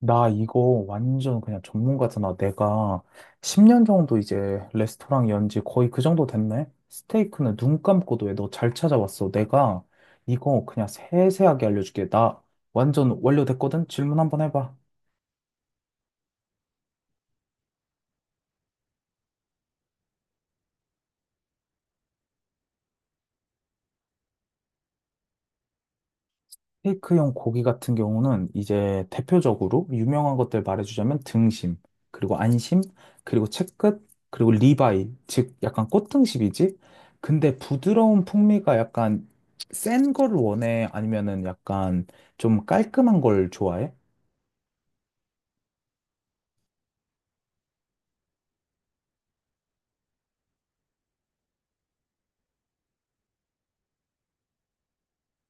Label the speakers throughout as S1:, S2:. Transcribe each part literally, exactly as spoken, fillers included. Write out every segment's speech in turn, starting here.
S1: 나 이거 완전 그냥 전문가잖아. 내가 십 년 정도 이제 레스토랑 연지 거의 그 정도 됐네? 스테이크는 눈 감고도 왜 너 잘 찾아왔어. 내가 이거 그냥 세세하게 알려줄게. 나 완전 완료됐거든? 질문 한번 해봐. 테이크용 고기 같은 경우는 이제 대표적으로 유명한 것들 말해주자면 등심, 그리고 안심, 그리고 채끝, 그리고 리바이, 즉 약간 꽃등심이지? 근데 부드러운 풍미가 약간 센 걸 원해? 아니면은 약간 좀 깔끔한 걸 좋아해?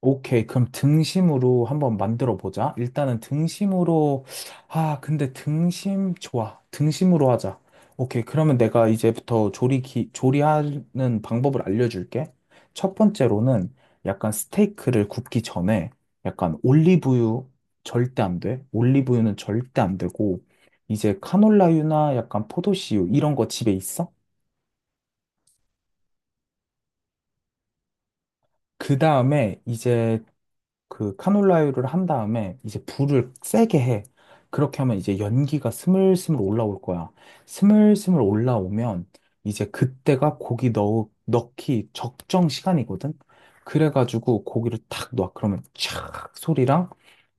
S1: 오케이. 그럼 등심으로 한번 만들어 보자. 일단은 등심으로, 아, 근데 등심, 좋아. 등심으로 하자. 오케이. 그러면 내가 이제부터 조리, 기, 조리하는 방법을 알려줄게. 첫 번째로는 약간 스테이크를 굽기 전에 약간 올리브유 절대 안 돼. 올리브유는 절대 안 되고, 이제 카놀라유나 약간 포도씨유 이런 거 집에 있어? 그 다음에 이제 그 카놀라유를 한 다음에 이제 불을 세게 해. 그렇게 하면 이제 연기가 스물스물 올라올 거야. 스물스물 올라오면 이제 그때가 고기 넣, 넣기 적정 시간이거든? 그래가지고 고기를 탁 놔. 그러면 촥 소리랑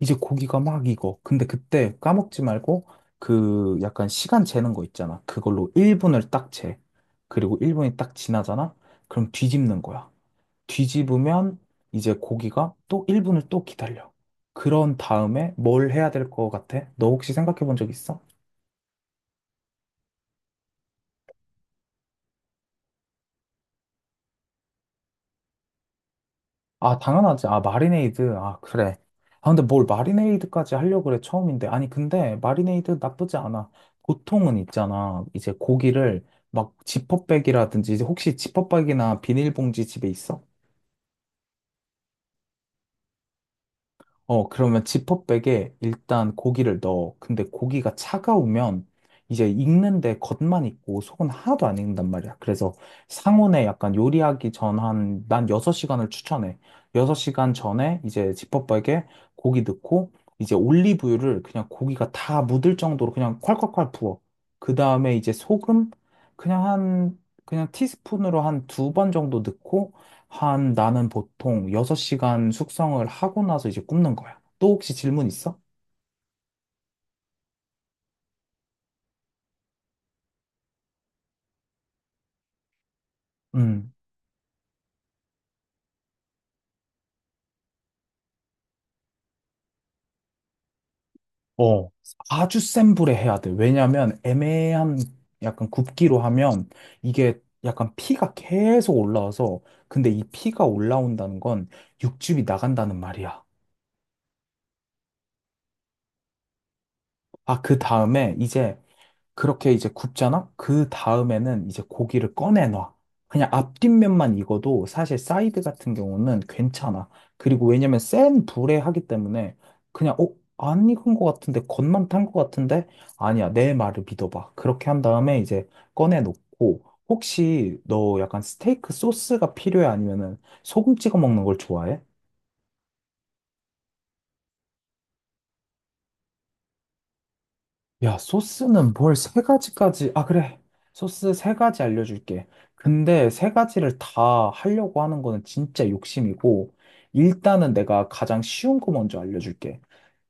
S1: 이제 고기가 막 익어. 근데 그때 까먹지 말고 그 약간 시간 재는 거 있잖아. 그걸로 일 분을 딱 재. 그리고 일 분이 딱 지나잖아? 그럼 뒤집는 거야. 뒤집으면 이제 고기가 또 일 분을 또 기다려. 그런 다음에 뭘 해야 될 것 같아? 너 혹시 생각해 본 적 있어? 아, 당연하지. 아, 마리네이드. 아, 그래. 아, 근데 뭘 마리네이드까지 하려고 그래, 처음인데. 아니, 근데 마리네이드 나쁘지 않아. 보통은 있잖아. 이제 고기를 막 지퍼백이라든지, 이제 혹시 지퍼백이나 비닐봉지 집에 있어? 어, 그러면 지퍼백에 일단 고기를 넣어. 근데 고기가 차가우면 이제 익는데 겉만 익고 속은 하나도 안 익는단 말이야. 그래서 상온에 약간 요리하기 전 한, 난 여섯 시간을 추천해. 여섯 시간 전에 이제 지퍼백에 고기 넣고 이제 올리브유를 그냥 고기가 다 묻을 정도로 그냥 콸콸콸 부어. 그 다음에 이제 소금 그냥 한, 그냥 티스푼으로 한 두 번 정도 넣고 한 나는 보통 여섯 시간 숙성을 하고 나서 이제 굽는 거야. 또 혹시 질문 있어? 음. 어. 아주 센 불에 해야 돼. 왜냐면 애매한 약간 굽기로 하면 이게 약간 피가 계속 올라와서 근데 이 피가 올라온다는 건 육즙이 나간다는 말이야. 아, 그 다음에 이제 그렇게 이제 굽잖아? 그 다음에는 이제 고기를 꺼내놔. 그냥 앞뒷면만 익어도 사실 사이드 같은 경우는 괜찮아. 그리고 왜냐면 센 불에 하기 때문에 그냥, 어? 안 익은 것 같은데, 겉만 탄 것 같은데? 아니야, 내 말을 믿어봐. 그렇게 한 다음에 이제 꺼내놓고, 혹시 너 약간 스테이크 소스가 필요해? 아니면은 소금 찍어 먹는 걸 좋아해? 야, 소스는 뭘 세 가지까지, 아, 그래. 소스 세 가지 알려줄게. 근데 세 가지를 다 하려고 하는 거는 진짜 욕심이고, 일단은 내가 가장 쉬운 거 먼저 알려줄게.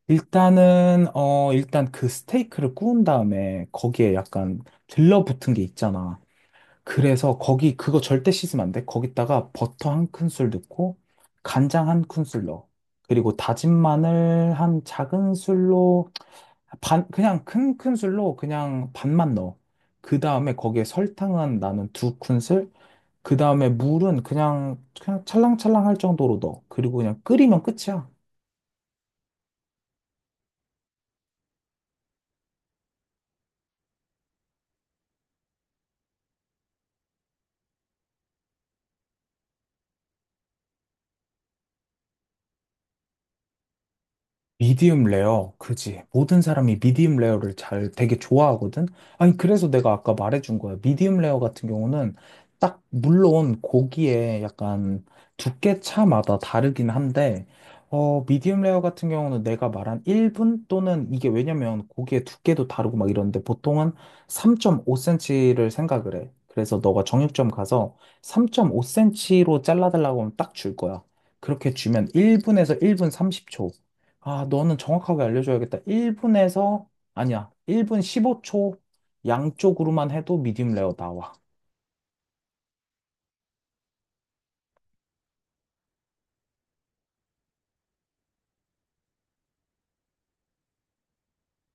S1: 일단은, 어, 일단 그 스테이크를 구운 다음에 거기에 약간 들러붙은 게 있잖아. 그래서 거기, 그거 절대 씻으면 안 돼. 거기다가 버터 한 큰술 넣고, 간장 한 큰술 넣어. 그리고 다진 마늘 한 작은 술로 반, 그냥 큰 큰술로 그냥 반만 넣어. 그 다음에 거기에 설탕은 나는 두 큰술, 그 다음에 물은 그냥, 그냥 찰랑찰랑 할 정도로 넣어. 그리고 그냥 끓이면 끝이야. 미디움 레어, 그지. 모든 사람이 미디움 레어를 잘 되게 좋아하거든? 아니, 그래서 내가 아까 말해준 거야. 미디움 레어 같은 경우는 딱, 물론 고기에 약간 두께 차마다 다르긴 한데, 어, 미디움 레어 같은 경우는 내가 말한 일 분 또는 이게 왜냐면 고기의 두께도 다르고 막 이러는데 보통은 삼 점 오 센티미터를 생각을 해. 그래서 너가 정육점 가서 삼 점 오 센티미터로 잘라달라고 하면 딱 줄 거야. 그렇게 주면 일 분에서 일 분 삼십 초. 아, 너는 정확하게 알려줘야겠다. 일 분에서, 아니야, 일 분 십오 초 양쪽으로만 해도 미디움 레어 나와.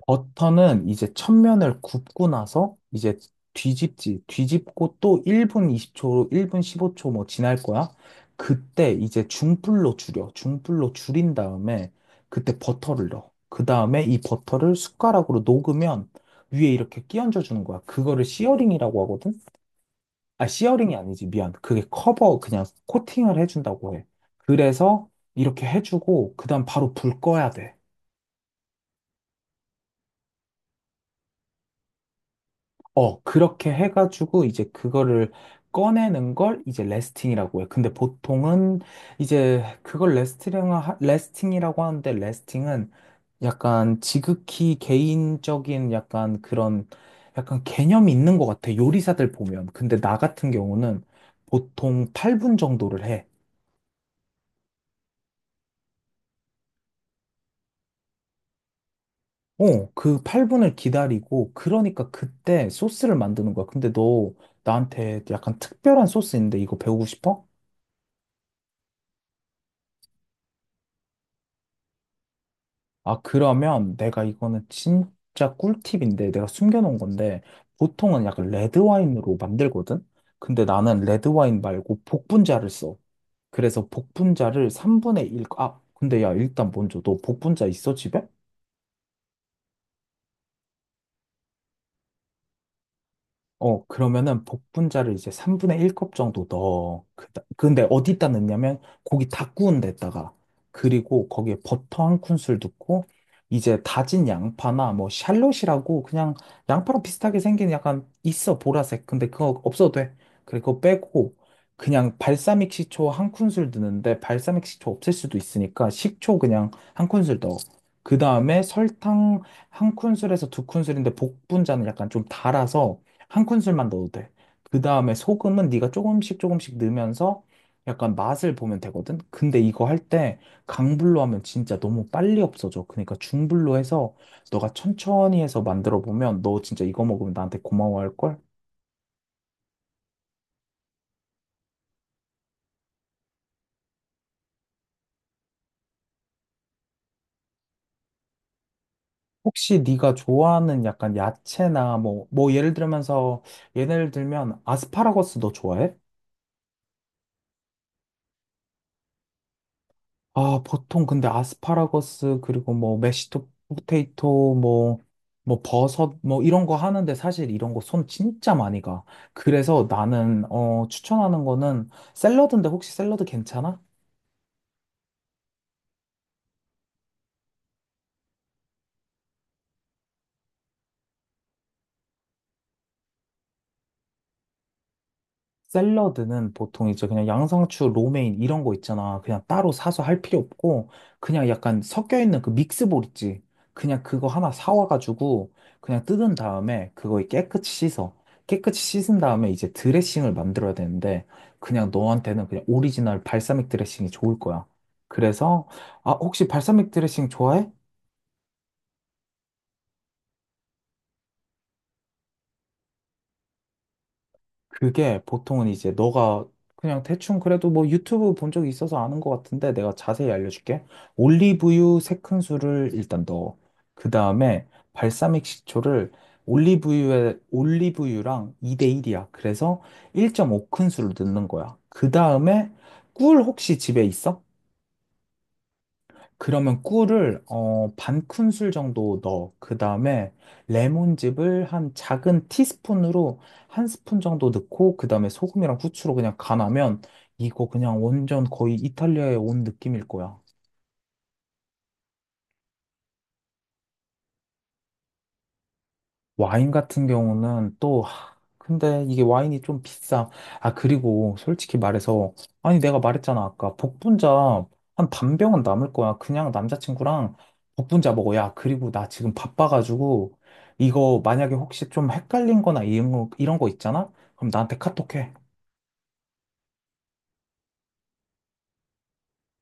S1: 버터는 이제 첫면을 굽고 나서 이제 뒤집지, 뒤집고 또 일 분 이십 초, 일 분 십오 초 뭐 지날 거야. 그때 이제 중불로 줄여. 중불로 줄인 다음에 그때 버터를 넣어. 그 다음에 이 버터를 숟가락으로 녹으면 위에 이렇게 끼얹어 주는 거야. 그거를 시어링이라고 하거든. 아, 시어링이 아니지. 미안. 그게 커버, 그냥 코팅을 해준다고 해. 그래서 이렇게 해주고, 그 다음 바로 불 꺼야 돼. 어, 그렇게 해가지고, 이제 그거를 꺼내는 걸 이제 레스팅이라고 해. 근데 보통은 이제 그걸 레스팅, 레스팅이라고 하는데, 레스팅은 약간 지극히 개인적인 약간 그런, 약간 개념이 있는 것 같아. 요리사들 보면. 근데 나 같은 경우는 보통 팔 분 정도를 해. 어, 그 팔 분을 기다리고, 그러니까 그때 소스를 만드는 거야. 근데 너 나한테 약간 특별한 소스 인데 이거 배우고 싶어? 아, 그러면 내가 이거는 진짜 꿀팁인데 내가 숨겨놓은 건데, 보통은 약간 레드와인으로 만들거든? 근데 나는 레드와인 말고 복분자를 써. 그래서 복분자를 삼 분의 일, 아, 근데 야, 일단 먼저 너 복분자 있어, 집에? 어, 그러면은 복분자를 이제 삼 분의 한 컵 정도 넣어. 그, 근데 어디다 넣냐면 고기 다 구운 데다가 그리고 거기에 버터 한 큰술 넣고 이제 다진 양파나 뭐 샬롯이라고 그냥 양파랑 비슷하게 생긴 약간 있어 보라색. 근데 그거 없어도 돼. 그리고 그거 빼고 그냥 발사믹 식초 한 큰술 넣는데 발사믹 식초 없을 수도 있으니까 식초 그냥 한 큰술 넣어. 그 다음에 설탕 한 큰술에서 두 큰술인데 복분자는 약간 좀 달아서 한 큰술만 넣어도 돼. 그 다음에 소금은 네가 조금씩 조금씩 넣으면서 약간 맛을 보면 되거든. 근데 이거 할 때 강불로 하면 진짜 너무 빨리 없어져. 그러니까 중불로 해서 너가 천천히 해서 만들어 보면 너 진짜 이거 먹으면 나한테 고마워할 걸. 혹시 네가 좋아하는 약간 야채나 뭐 뭐 예를 들면서 예를 들면 아스파라거스 너 좋아해? 아, 보통 근데 아스파라거스 그리고 뭐 메시토 포테이토 뭐 뭐 버섯 뭐 이런 거 하는데 사실 이런 거 손 진짜 많이 가. 그래서 나는 어 추천하는 거는 샐러드인데 혹시 샐러드 괜찮아? 샐러드는 보통 이제 그냥 양상추, 로메인 이런 거 있잖아. 그냥 따로 사서 할 필요 없고 그냥 약간 섞여 있는 그 믹스볼 있지. 그냥 그거 하나 사와가지고 그냥 뜯은 다음에 그거 깨끗이 씻어. 깨끗이 씻은 다음에 이제 드레싱을 만들어야 되는데 그냥 너한테는 그냥 오리지널 발사믹 드레싱이 좋을 거야. 그래서 아 혹시 발사믹 드레싱 좋아해? 그게 보통은 이제 너가 그냥 대충 그래도 뭐 유튜브 본 적이 있어서 아는 것 같은데 내가 자세히 알려줄게. 올리브유 세 큰술을 일단 넣어. 그 다음에 발사믹 식초를 올리브유에, 올리브유랑 이 대일이야. 그래서 일 점 오 큰술을 넣는 거야. 그 다음에 꿀 혹시 집에 있어? 그러면 꿀을 어, 반 큰술 정도 넣어. 그 다음에 레몬즙을 한 작은 티스푼으로 한 스푼 정도 넣고 그 다음에 소금이랑 후추로 그냥 간하면 이거 그냥 완전 거의 이탈리아에 온 느낌일 거야. 와인 같은 경우는 또, 하, 근데 이게 와인이 좀 비싸. 아, 그리고 솔직히 말해서, 아니, 내가 말했잖아, 아까. 복분자 한 반 병은 남을 거야. 그냥 남자친구랑 복분자 먹어. 야, 그리고 나 지금 바빠가지고, 이거 만약에 혹시 좀 헷갈린 거나 이런 거, 이런 거 있잖아? 그럼 나한테 카톡해.